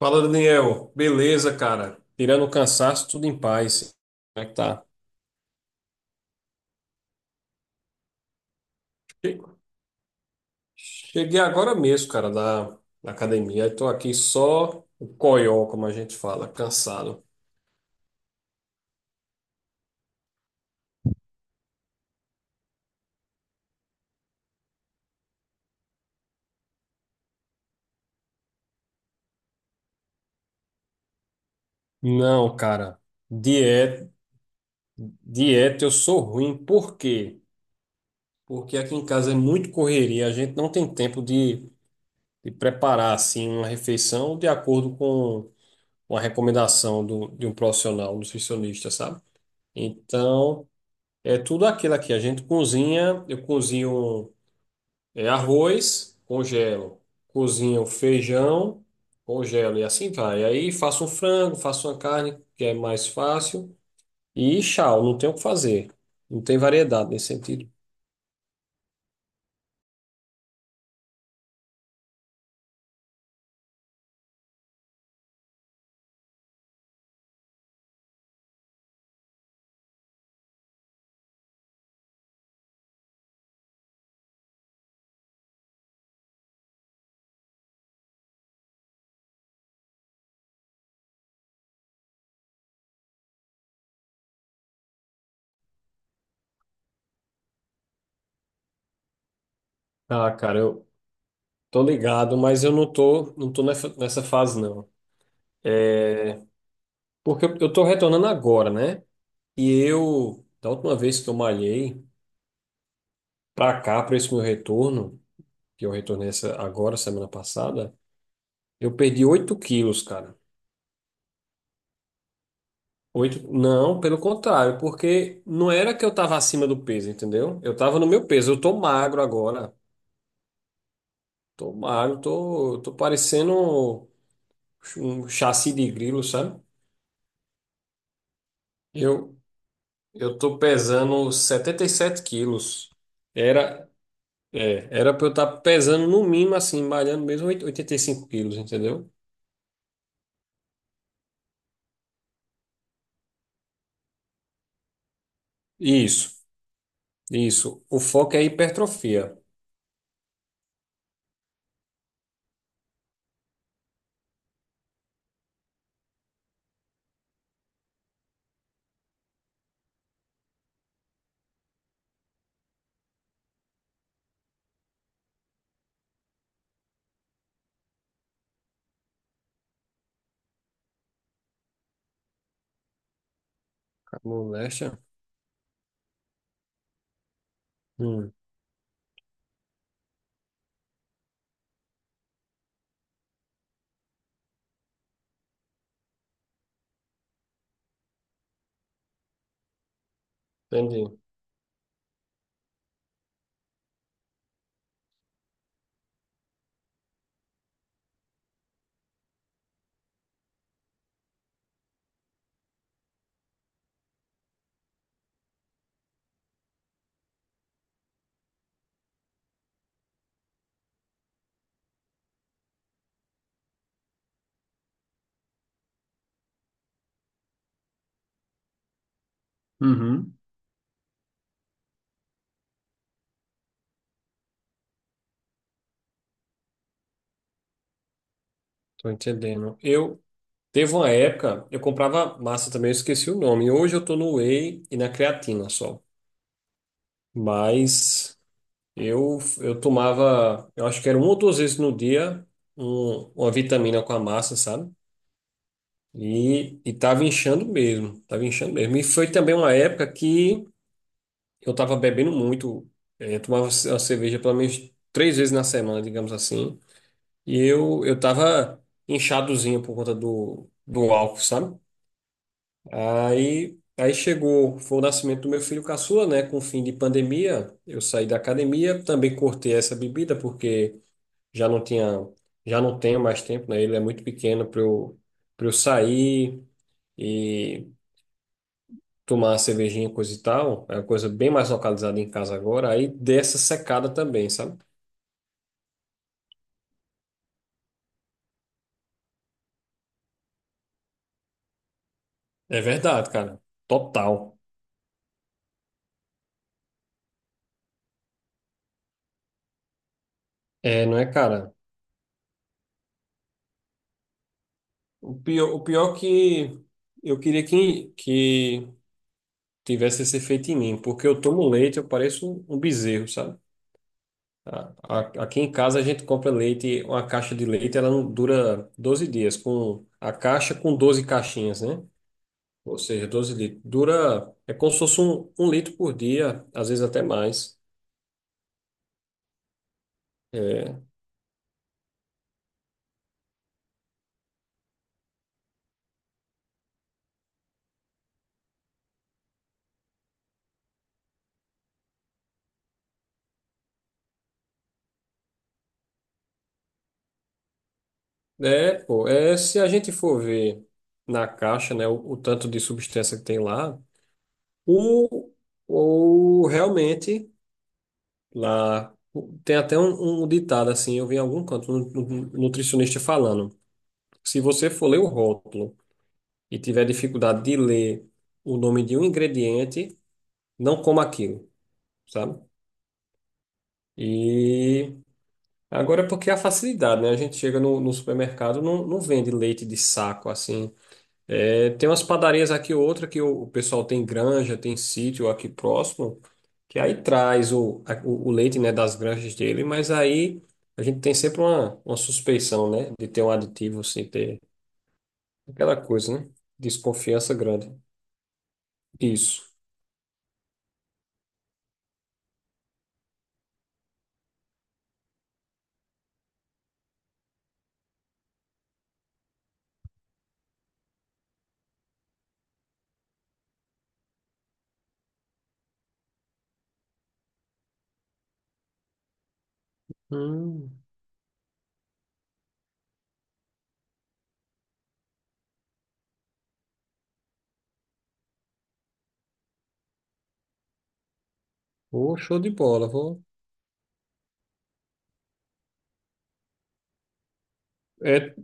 Fala, Daniel. Beleza, cara? Tirando o cansaço, tudo em paz. Como é que tá? Che- Cheguei agora mesmo, cara, da academia. Estou aqui só o coió, como a gente fala, cansado. Não, cara. Dieta, dieta eu sou ruim. Por quê? Porque aqui em casa é muito correria. A gente não tem tempo de preparar, assim, uma refeição de acordo com uma recomendação de um profissional, um nutricionista, sabe? Então... É tudo aquilo aqui. A gente cozinha, eu cozinho arroz, congelo. Cozinho feijão, congelo e assim vai. Aí faço um frango, faço uma carne, que é mais fácil. E tchau, não tem o que fazer. Não tem variedade nesse sentido. Ah, cara, eu tô ligado, mas eu não tô nessa fase, não. É, porque eu tô retornando agora, né? E eu, da última vez que eu malhei, pra cá, pra esse meu retorno, que eu retornei essa, agora, semana passada, eu perdi 8 quilos, cara. Oito... Não, pelo contrário, porque não era que eu tava acima do peso, entendeu? Eu tava no meu peso. Eu tô magro agora. Tô magro, tô parecendo um chassi de grilo, sabe? Eu, eu tô pesando 77 quilos. Era, era pra eu estar pesando no mínimo, assim, malhando mesmo 85 quilos, entendeu? Isso, isso. O foco é hipertrofia. Moléstia? Hum, entendi. Uhum. Tô entendendo. Eu teve uma época, eu comprava massa também, eu esqueci o nome. Hoje eu tô no whey e na creatina só. Mas eu tomava, eu acho que era uma ou duas vezes no dia, uma vitamina com a massa, sabe? E tava inchando mesmo, tava inchando mesmo. E foi também uma época que eu tava bebendo muito, eu tomava uma cerveja pelo menos três vezes na semana, digamos assim. E eu tava inchadozinho por conta do álcool, sabe? Aí chegou, foi o nascimento do meu filho caçula, né? Com o fim de pandemia, eu saí da academia, também cortei essa bebida porque já não tinha, já não tenho mais tempo, né? Ele é muito pequeno para eu sair e tomar uma cervejinha, coisa e tal. É uma coisa bem mais localizada em casa agora. Aí dessa secada também, sabe? É verdade, cara. Total. É, não é, cara? O pior que eu queria que tivesse esse efeito em mim, porque eu tomo leite, eu pareço um bezerro, sabe? Aqui em casa a gente compra leite, uma caixa de leite, ela não dura 12 dias, com a caixa com 12 caixinhas, né? Ou seja, 12 litros. Dura, é como se fosse 1 litro por dia, às vezes até mais. É, é, pô, é, se a gente for ver na caixa, né, o tanto de substância que tem lá, o, o realmente... Lá tem até um ditado assim, eu vi em algum canto um nutricionista falando. Se você for ler o rótulo e tiver dificuldade de ler o nome de um ingrediente, não coma aquilo, sabe? E agora é porque é a facilidade, né? A gente chega no supermercado, não vende leite de saco assim. É, tem umas padarias aqui, outra que o pessoal tem granja, tem sítio aqui próximo, que aí traz o leite, né, das granjas dele, mas aí a gente tem sempre uma suspeição, né, de ter um aditivo, assim, ter aquela coisa, né, desconfiança grande. Isso. Hum, oh, show de bola, vou. É,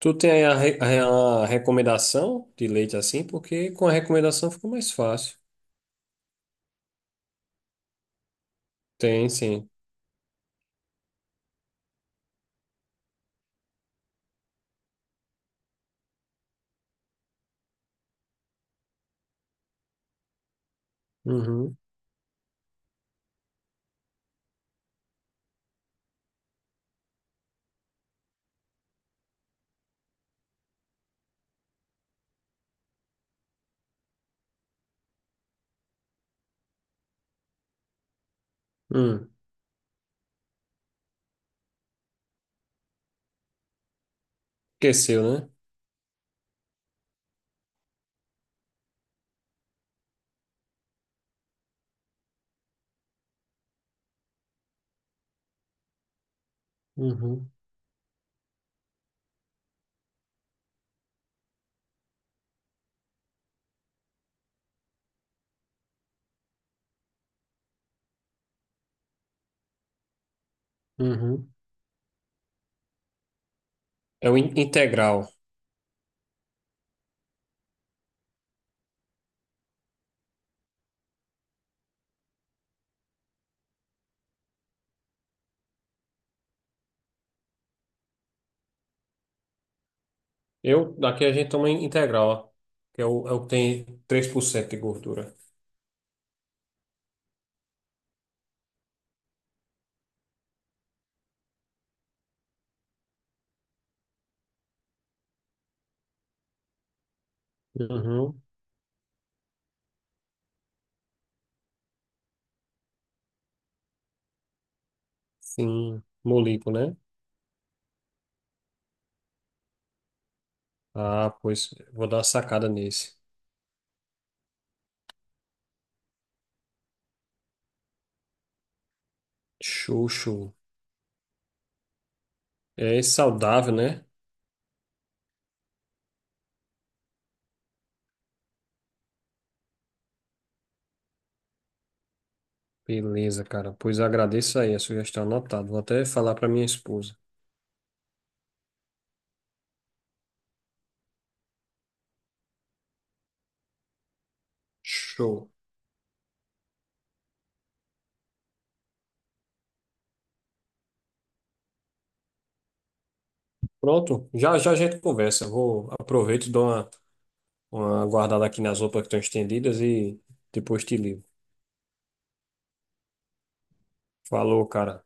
tu tem aí a recomendação de leite assim, porque com a recomendação fica mais fácil. Tem, sim. Uhum. Hum. Esqueceu, né? Uhum. Uhum. É o integral. Eu, daqui a gente toma integral, ó, que é é o que tem 3% de gordura. Uhum. Sim, molico, né? Ah, pois vou dar uma sacada nesse. Xuxu. É saudável, né? Beleza, cara. Pois agradeço aí a sugestão anotada. Vou até falar para minha esposa. Show. Pronto, já já a gente conversa. Vou aproveito, dou uma guardada aqui nas roupas que estão estendidas e depois te ligo. Falou, cara.